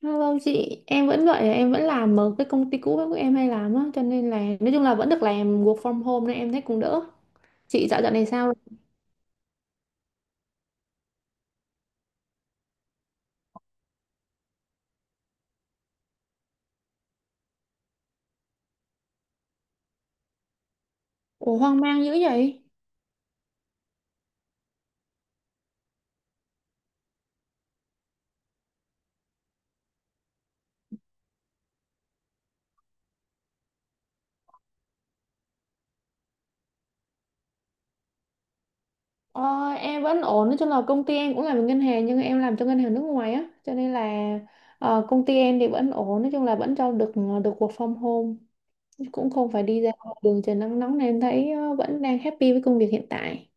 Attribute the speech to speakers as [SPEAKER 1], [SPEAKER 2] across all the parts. [SPEAKER 1] Vâng vâng, chị, em vẫn vậy, em vẫn làm ở cái công ty cũ của em hay làm á, cho nên là nói chung là vẫn được làm work from home nên em thấy cũng đỡ. Chị dạo dạo này sao? Ủa hoang mang dữ vậy? Ờ, em vẫn ổn, nói chung là công ty em cũng làm ở ngân hàng nhưng em làm cho ngân hàng nước ngoài á, cho nên là công ty em thì vẫn ổn, nói chung là vẫn cho được được work from home, cũng không phải đi ra ngoài đường trời nắng nóng nên em thấy vẫn đang happy với công việc hiện tại.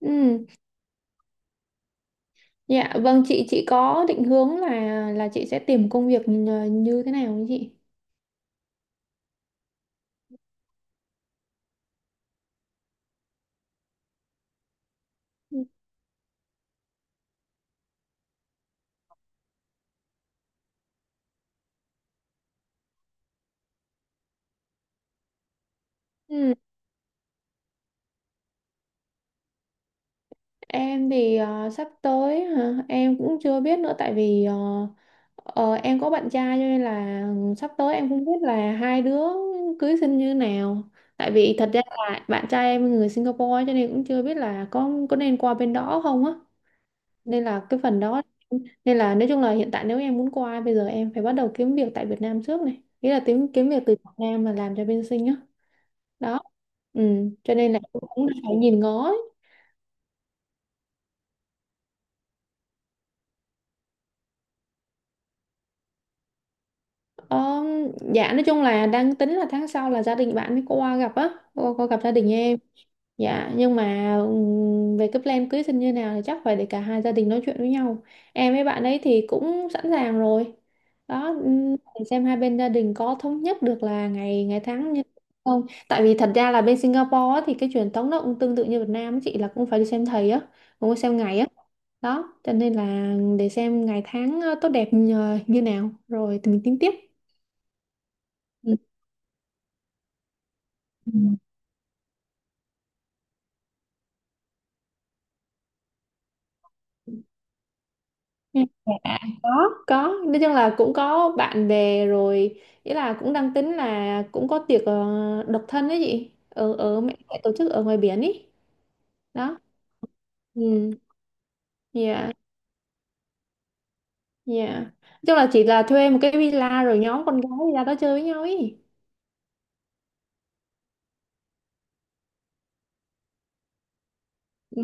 [SPEAKER 1] Ừ, dạ vâng chị có định hướng là chị sẽ tìm công việc như như thế nào không chị? Ừ, em thì sắp tới hả? Em cũng chưa biết nữa tại vì em có bạn trai cho nên là sắp tới em không biết là hai đứa cưới xin như nào. Tại vì thật ra là bạn trai em người Singapore cho nên cũng chưa biết là có nên qua bên đó không á. Nên là cái phần đó nên là nói chung là hiện tại nếu em muốn qua bây giờ em phải bắt đầu kiếm việc tại Việt Nam trước này. Nghĩa là kiếm kiếm việc từ Việt Nam mà làm cho bên Sing á. Đó. Ừ, cho nên là cũng phải nhìn ngó. Ờ, dạ nói chung là đang tính là tháng sau là gia đình bạn mới qua gặp á, qua gặp gia đình em. Dạ nhưng mà về cái plan cưới xin như nào thì chắc phải để cả hai gia đình nói chuyện với nhau. Em với bạn ấy thì cũng sẵn sàng rồi. Đó để xem hai bên gia đình có thống nhất được là ngày ngày tháng như không. Tại vì thật ra là bên Singapore á, thì cái truyền thống nó cũng tương tự như Việt Nam á chị là cũng phải đi xem thầy á, cũng phải xem ngày á. Đó, cho nên là để xem ngày tháng tốt đẹp như như nào rồi thì mình tính tiếp. Ừ. Ừ. Ừ. Dạ, có nói chung là cũng có bạn bè rồi ý là cũng đang tính là cũng có tiệc độc thân ấy chị, ở ở mẹ mẹ tổ chức ở ngoài biển ý. Đó, ừ, dạ, dạ nói chung là chỉ là thuê một cái villa rồi nhóm con gái ra đó chơi với nhau ý. Ừ,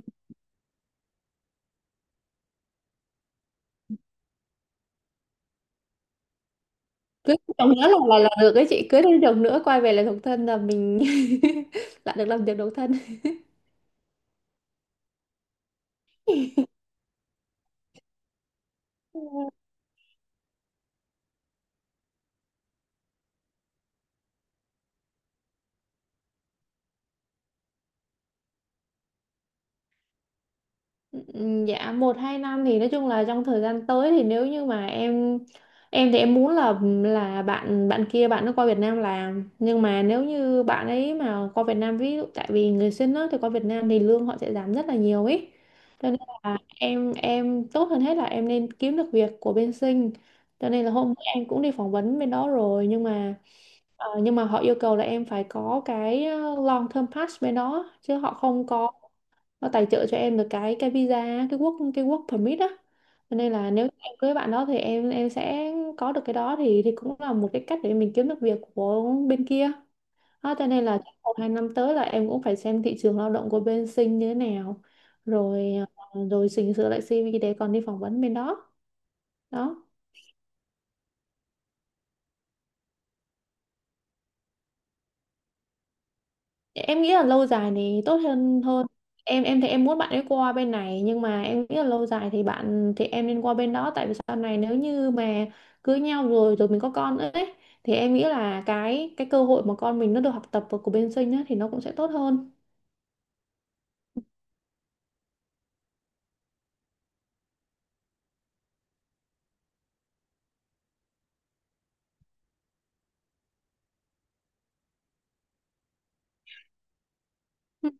[SPEAKER 1] cưới chồng nữa là là được ấy chị, cưới thêm chồng nữa quay về là độc thân là mình lại được làm việc độc thân. Ừ, dạ một hai năm thì nói chung là trong thời gian tới thì nếu như mà em thì em muốn là bạn bạn kia, bạn nó qua Việt Nam làm, nhưng mà nếu như bạn ấy mà qua Việt Nam ví dụ tại vì người sinh á thì qua Việt Nam thì lương họ sẽ giảm rất là nhiều ấy, cho nên là em, tốt hơn hết là em nên kiếm được việc của bên sinh. Cho nên là hôm bữa em cũng đi phỏng vấn bên đó rồi nhưng mà nhưng mà họ yêu cầu là em phải có cái long term pass bên đó chứ họ không có nó tài trợ cho em được cái visa, cái work permit á. Cho nên là nếu em cưới bạn đó thì em sẽ có được cái đó thì cũng là một cái cách để mình kiếm được việc của bên kia. Đó, cho nên là trong một hai năm tới là em cũng phải xem thị trường lao động của bên Sinh như thế nào rồi rồi chỉnh sửa lại CV để còn đi phỏng vấn bên đó. Đó. Em nghĩ là lâu dài thì tốt hơn hơn Em, thì em muốn bạn ấy qua bên này nhưng mà em nghĩ là lâu dài thì bạn thì em nên qua bên đó, tại vì sau này nếu như mà cưới nhau rồi rồi mình có con nữa ấy thì em nghĩ là cái cơ hội mà con mình nó được học tập của bên sinh á thì nó cũng sẽ tốt hơn. Ừ.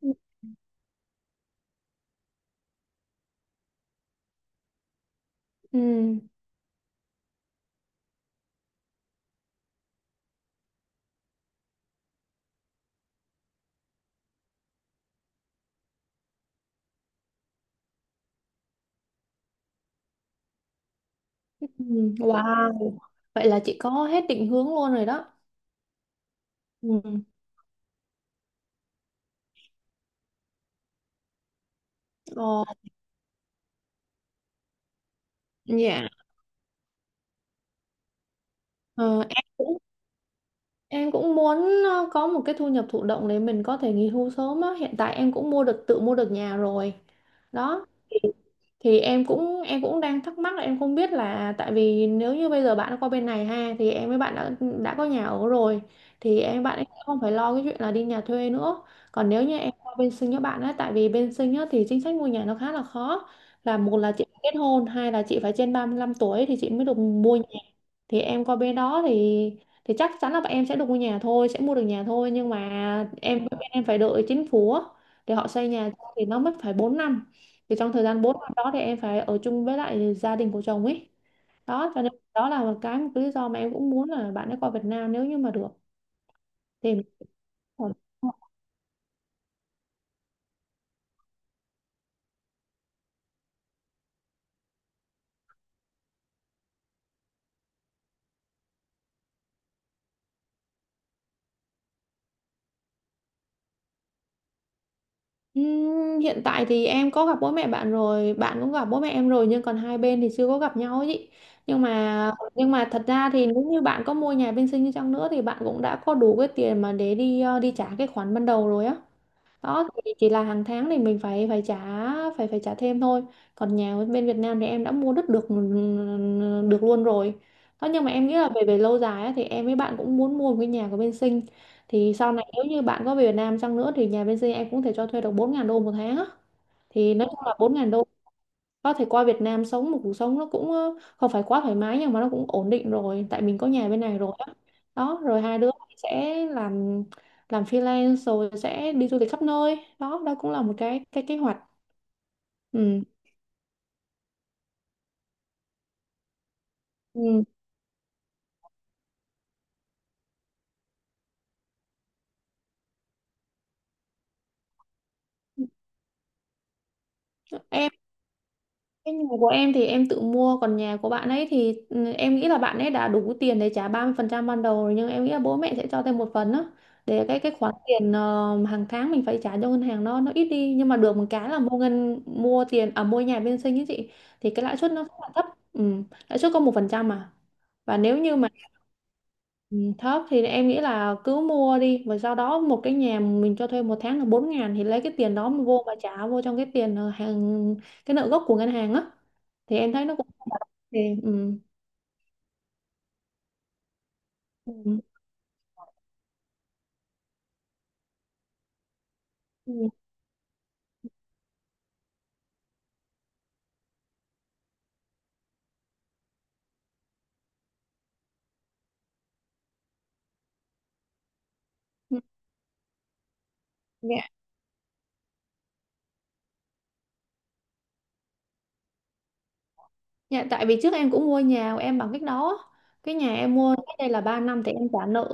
[SPEAKER 1] Ừ. Ừ. Ừ. Wow, vậy là chị có hết định hướng luôn rồi đó. Ừ. Ồ, dạ. Ờ, em cũng, em cũng muốn có một cái thu nhập thụ động để mình có thể nghỉ hưu sớm á. Hiện tại em cũng mua được, tự mua được nhà rồi. Đó. Thì em cũng, em cũng đang thắc mắc là em không biết là tại vì nếu như bây giờ bạn qua bên này ha thì em với bạn đã có nhà ở rồi thì em, bạn ấy không phải lo cái chuyện là đi nhà thuê nữa. Còn nếu như em qua bên Sinh với bạn á tại vì bên Sinh á thì chính sách mua nhà nó khá là khó. Là một là chị phải kết hôn, hai là chị phải trên 35 tuổi thì chị mới được mua nhà. Thì em qua bên đó thì chắc chắn là bọn em sẽ được mua nhà thôi, sẽ mua được nhà thôi nhưng mà em, bên em phải đợi chính phủ á, để họ xây nhà cho thì nó mất phải 4 năm. Thì trong thời gian 4 năm đó thì em phải ở chung với lại gia đình của chồng ấy. Đó, cho nên đó là một cái lý do mà em cũng muốn là bạn ấy qua Việt Nam nếu như mà được thì. Hiện tại thì em có gặp bố mẹ bạn rồi, bạn cũng gặp bố mẹ em rồi nhưng còn hai bên thì chưa có gặp nhau ấy chị. Nhưng mà, thật ra thì nếu như bạn có mua nhà bên Sinh đi chăng nữa thì bạn cũng đã có đủ cái tiền mà để đi đi trả cái khoản ban đầu rồi á. Đó thì chỉ là hàng tháng thì mình phải, trả, phải phải trả thêm thôi. Còn nhà bên Việt Nam thì em đã mua đất được ừ, được luôn rồi. Đó, nhưng mà em nghĩ là về về lâu dài á, thì em với bạn cũng muốn mua một cái nhà của bên Sinh, thì sau này nếu như bạn có về Việt Nam chăng nữa thì nhà bên Sinh em cũng thể cho thuê được 4000 đô một tháng á. Thì nói chung là 4000 đô có thể qua Việt Nam sống một cuộc sống nó cũng không phải quá thoải mái nhưng mà nó cũng ổn định rồi tại mình có nhà bên này rồi á. Đó rồi hai đứa sẽ làm freelance rồi sẽ đi du lịch khắp nơi. Đó đó cũng là một cái kế hoạch ừ. Ừ. Cái nhà của em thì em tự mua, còn nhà của bạn ấy thì ừ, em nghĩ là bạn ấy đã đủ tiền để trả 30% ban đầu rồi nhưng em nghĩ là bố mẹ sẽ cho thêm một phần á, để cái khoản tiền hàng tháng mình phải trả cho ngân hàng nó, ít đi, nhưng mà được một cái là mua ngân mua tiền à mua nhà bên sinh ấy chị, thì cái lãi suất nó rất là thấp. Ừ, lãi suất có 1% mà, và nếu như mà ừ, thấp thì em nghĩ là cứ mua đi và sau đó một cái nhà mình cho thuê một tháng là 4 ngàn thì lấy cái tiền đó mà vô mà trả vô trong cái tiền hàng cái nợ gốc của ngân hàng á thì em thấy nó cũng không phải là tiền ừ. Ừ. Ừ. Ừ. Ừ, ừ. Dạ, tại vì trước em cũng mua nhà của em bằng cách đó á. Cái nhà em mua cách đây là 3 năm thì em trả nợ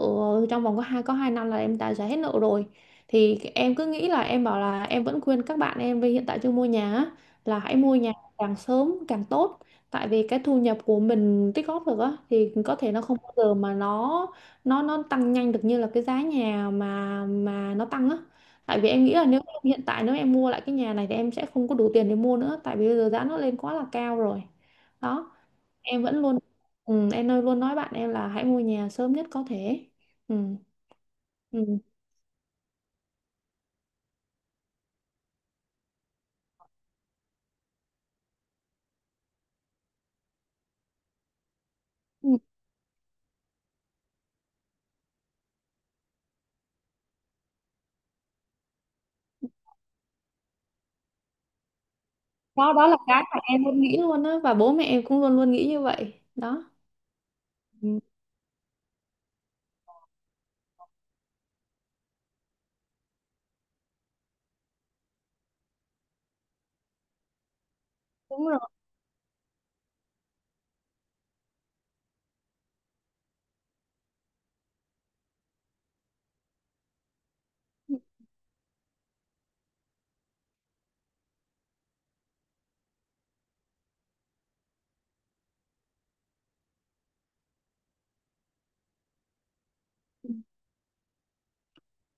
[SPEAKER 1] trong vòng có hai năm là em đã trả hết nợ rồi. Thì em cứ nghĩ là em bảo là em vẫn khuyên các bạn em vì hiện tại chưa mua nhà á, là hãy mua nhà càng sớm càng tốt. Tại vì cái thu nhập của mình tích góp được á thì có thể nó không bao giờ mà nó tăng nhanh được như là cái giá nhà mà nó tăng á. Tại vì em nghĩ là nếu em hiện tại nếu em mua lại cái nhà này thì em sẽ không có đủ tiền để mua nữa tại vì bây giờ giá nó lên quá là cao rồi. Đó, em vẫn luôn ừ, em nói luôn, nói bạn em là hãy mua nhà sớm nhất có thể. Ừ, ừ. Ừ. Đó đó là cái mà em luôn nghĩ luôn á và bố mẹ em cũng luôn luôn nghĩ như vậy đó. Ừ, đúng rồi.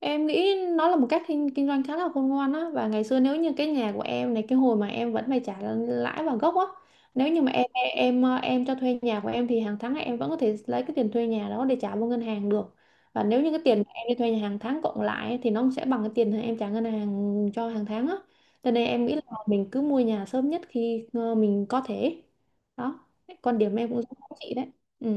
[SPEAKER 1] Em nghĩ nó là một cách kinh doanh khá là khôn ngoan á, và ngày xưa nếu như cái nhà của em này cái hồi mà em vẫn phải trả lãi và gốc á, nếu như mà em em cho thuê nhà của em thì hàng tháng em vẫn có thể lấy cái tiền thuê nhà đó để trả vô ngân hàng được, và nếu như cái tiền mà em đi thuê nhà hàng tháng cộng lại ấy, thì nó sẽ bằng cái tiền em trả ngân hàng cho hàng tháng á. Cho nên em nghĩ là mình cứ mua nhà sớm nhất khi mình có thể. Đó, quan điểm em cũng giống chị đấy, ừ.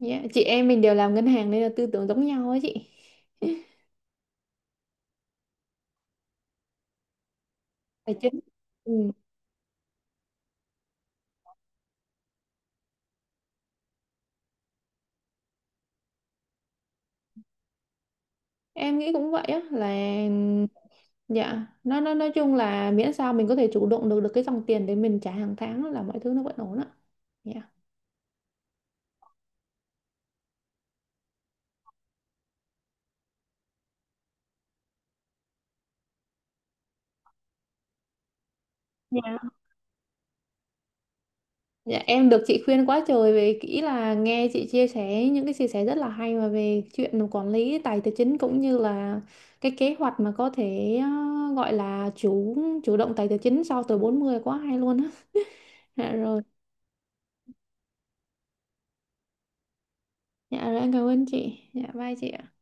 [SPEAKER 1] Yeah. Chị em mình đều làm ngân hàng nên là tư tưởng giống nhau ấy chị. Tài chính, ừ. Em nghĩ cũng vậy á là dạ nói chung là miễn sao mình có thể chủ động được, cái dòng tiền để mình trả hàng tháng là mọi thứ nó vẫn ổn á. Dạ. Dạ. Dạ em được chị khuyên quá trời về kỹ là nghe chị chia sẻ, những cái chia sẻ rất là hay mà về chuyện quản lý tài tài chính cũng như là cái kế hoạch mà có thể gọi là chủ chủ động tài tài chính sau tuổi 40, quá hay luôn á. Dạ rồi. Dạ rồi em cảm ơn chị, dạ bye chị ạ.